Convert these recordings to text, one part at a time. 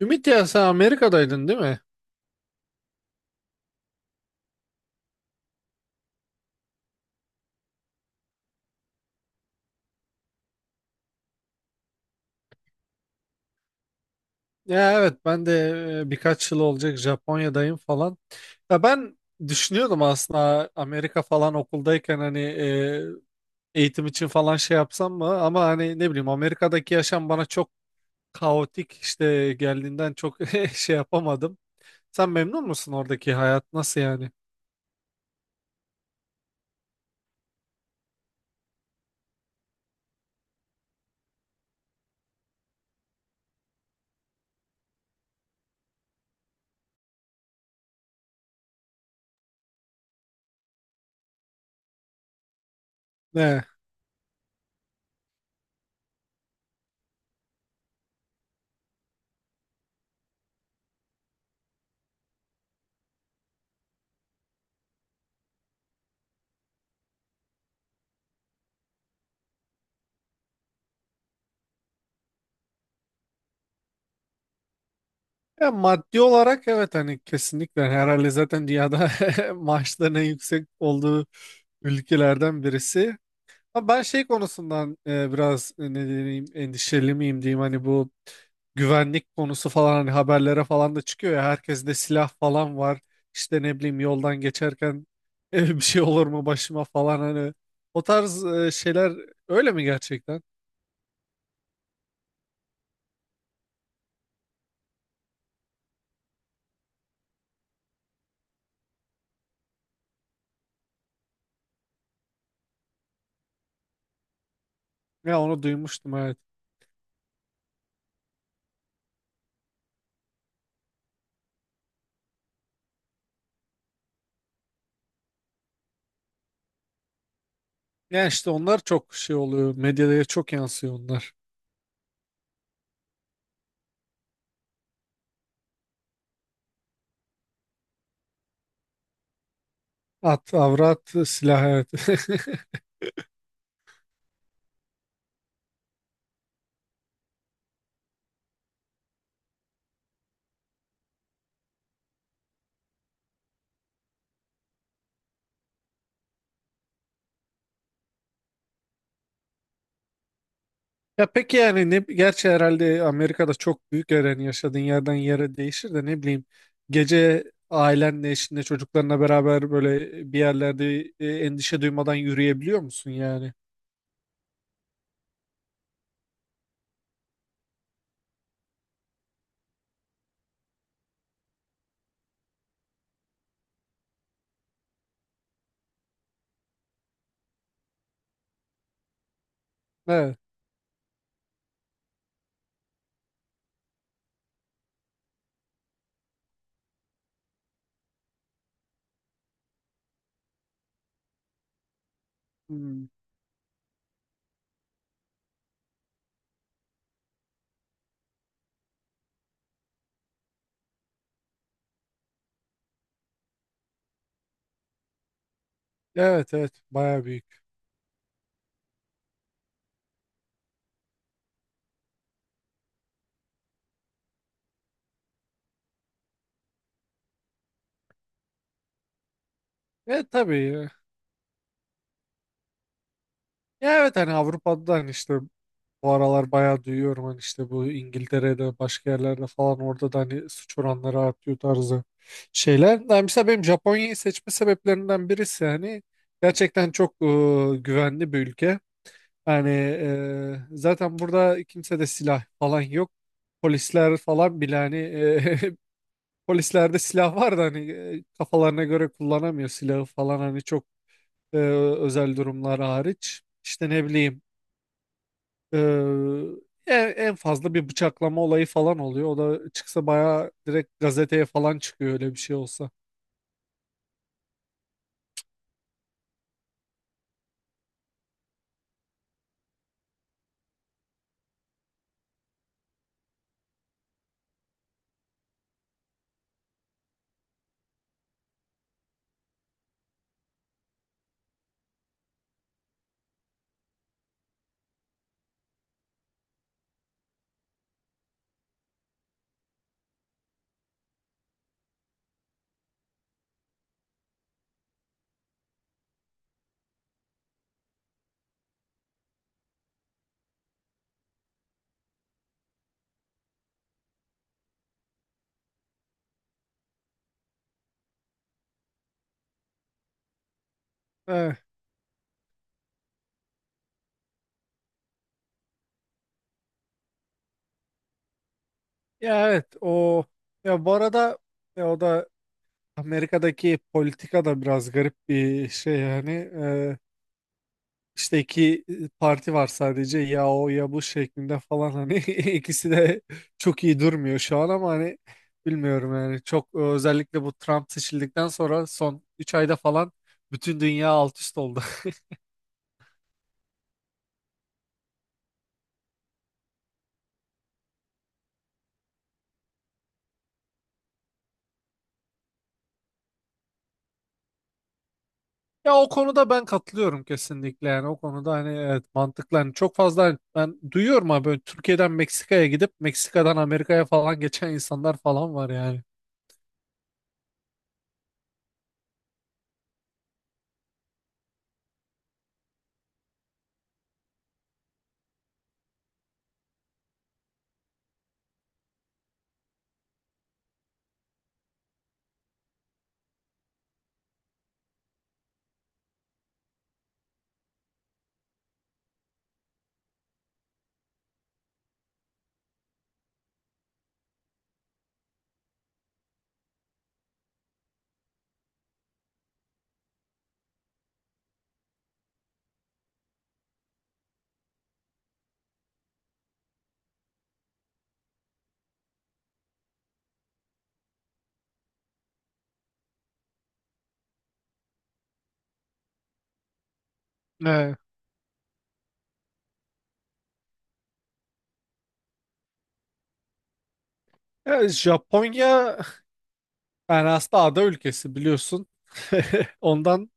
Ümit ya sen Amerika'daydın değil mi? Ya evet ben de birkaç yıl olacak Japonya'dayım falan. Ya ben düşünüyordum aslında Amerika falan okuldayken hani eğitim için falan şey yapsam mı? Ama hani ne bileyim Amerika'daki yaşam bana çok kaotik işte geldiğinden çok şey yapamadım. Sen memnun musun oradaki hayat nasıl yani? Ne? Ya maddi olarak evet hani kesinlikle herhalde zaten dünyada maaşların en yüksek olduğu ülkelerden birisi. Ama ben şey konusundan biraz ne diyeyim endişeli miyim diyeyim hani bu güvenlik konusu falan hani haberlere falan da çıkıyor ya herkes de silah falan var işte ne bileyim yoldan geçerken bir şey olur mu başıma falan hani o tarz şeyler öyle mi gerçekten? Ya onu duymuştum evet. Yani işte onlar çok şey oluyor medyada çok yansıyor onlar. At, avrat, silah evet. Ya peki yani ne gerçi herhalde Amerika'da çok büyük yer yani yaşadığın yerden yere değişir de ne bileyim gece ailenle eşinle çocuklarına beraber böyle bir yerlerde endişe duymadan yürüyebiliyor musun yani? Evet. Hmm. Evet evet bayağı büyük. Evet tabii ya. Ya evet hani Avrupa'dan işte bu aralar bayağı duyuyorum hani işte bu İngiltere'de başka yerlerde falan orada da hani suç oranları artıyor tarzı şeyler. Yani mesela benim Japonya'yı seçme sebeplerinden birisi hani gerçekten çok güvenli bir ülke. Yani zaten burada kimse de silah falan yok. Polisler falan bile hani polislerde silah var da hani kafalarına göre kullanamıyor silahı falan hani çok e, özel durumlar hariç. İşte ne bileyim. Ee, en fazla bir bıçaklama olayı falan oluyor. O da çıksa bayağı direkt gazeteye falan çıkıyor öyle bir şey olsa. Eh, ya evet o ya bu arada ya o da Amerika'daki politika da biraz garip bir şey yani. İşte iki parti var sadece ya o ya bu şeklinde falan hani ikisi de çok iyi durmuyor şu an ama hani bilmiyorum yani çok özellikle bu Trump seçildikten sonra son 3 ayda falan bütün dünya alt üst oldu. Ya o konuda ben katılıyorum kesinlikle yani o konuda hani evet mantıklı hani çok fazla hani ben duyuyorum abi böyle Türkiye'den Meksika'ya gidip Meksika'dan Amerika'ya falan geçen insanlar falan var yani. Evet. Ya Japonya yani aslında ada ülkesi biliyorsun. Ondan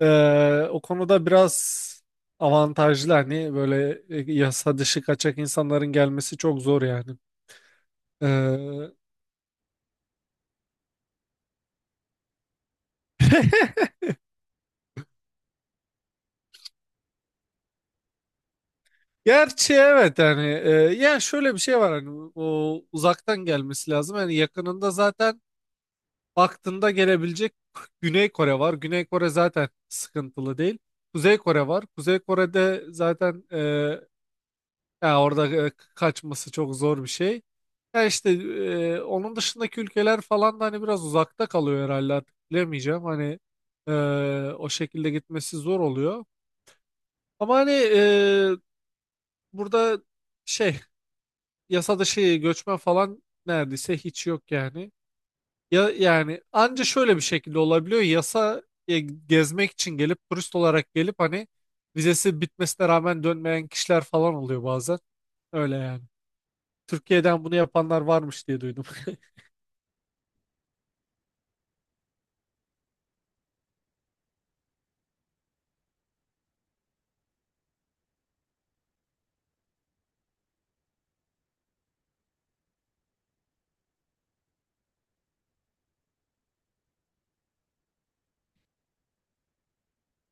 o konuda biraz avantajlı hani böyle yasa dışı kaçak insanların gelmesi çok zor yani. Eee Gerçi evet yani ya şöyle bir şey var hani o uzaktan gelmesi lazım. Yani yakınında zaten baktığında gelebilecek Güney Kore var. Güney Kore zaten sıkıntılı değil. Kuzey Kore var. Kuzey Kore'de zaten ya orada kaçması çok zor bir şey. Ya işte onun dışındaki ülkeler falan da hani biraz uzakta kalıyor herhalde artık bilemeyeceğim. Hani e, o şekilde gitmesi zor oluyor. Ama hani burada şey yasa dışı göçmen falan neredeyse hiç yok yani. Ya yani anca şöyle bir şekilde olabiliyor. Gezmek için gelip turist olarak gelip hani vizesi bitmesine rağmen dönmeyen kişiler falan oluyor bazen. Öyle yani. Türkiye'den bunu yapanlar varmış diye duydum.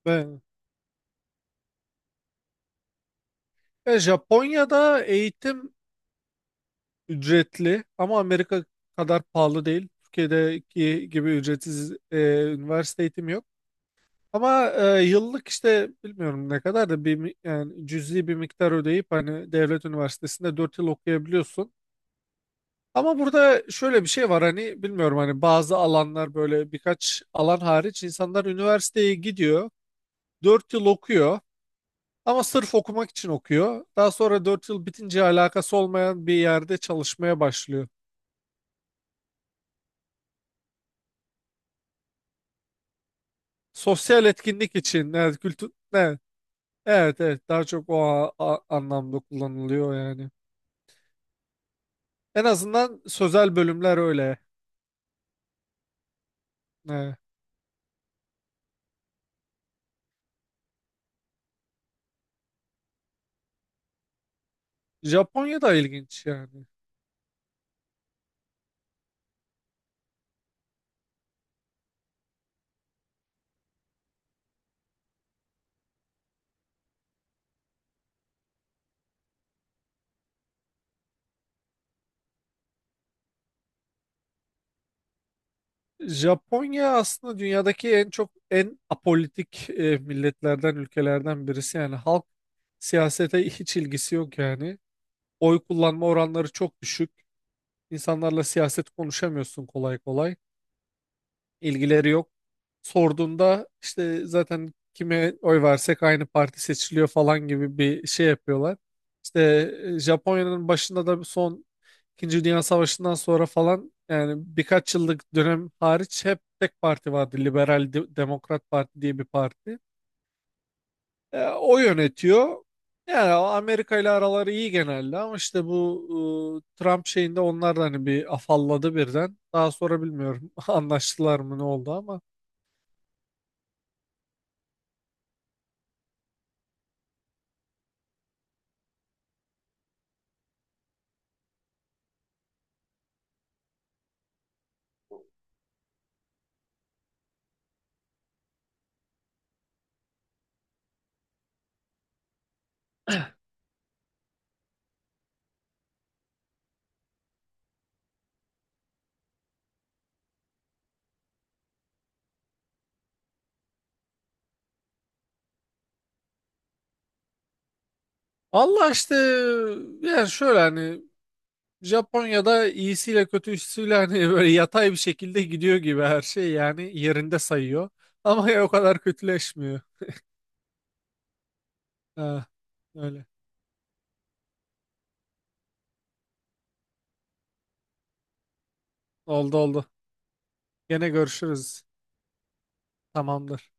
Ben, Ya Japonya'da eğitim ücretli ama Amerika kadar pahalı değil. Türkiye'deki gibi ücretsiz üniversite eğitimi yok. Ama yıllık işte bilmiyorum ne kadar da yani cüzi bir miktar ödeyip hani devlet üniversitesinde 4 yıl okuyabiliyorsun. Ama burada şöyle bir şey var hani bilmiyorum hani bazı alanlar böyle birkaç alan hariç insanlar üniversiteye gidiyor 4 yıl okuyor ama sırf okumak için okuyor. Daha sonra 4 yıl bitince alakası olmayan bir yerde çalışmaya başlıyor. Sosyal etkinlik için evet kültür evet evet, evet daha çok o anlamda kullanılıyor yani. En azından sözel bölümler öyle. Ee, Japonya da ilginç yani. Japonya aslında dünyadaki en çok en apolitik milletlerden, ülkelerden birisi. Yani halk siyasete hiç ilgisi yok yani. Oy kullanma oranları çok düşük. İnsanlarla siyaset konuşamıyorsun kolay kolay. İlgileri yok. Sorduğunda işte zaten kime oy versek aynı parti seçiliyor falan gibi bir şey yapıyorlar. İşte Japonya'nın başında da son İkinci Dünya Savaşı'ndan sonra falan yani birkaç yıllık dönem hariç hep tek parti vardı. Liberal Demokrat Parti diye bir parti. O yönetiyor. Yani Amerika ile araları iyi genelde ama işte bu Trump şeyinde onlar da hani bir afalladı birden. Daha sonra bilmiyorum anlaştılar mı ne oldu ama. Allah işte yani şöyle hani Japonya'da iyisiyle kötüsüyle hani böyle yatay bir şekilde gidiyor gibi her şey yani yerinde sayıyor. Ama ya o kadar kötüleşmiyor. Ha, öyle. Oldu oldu. Gene görüşürüz. Tamamdır.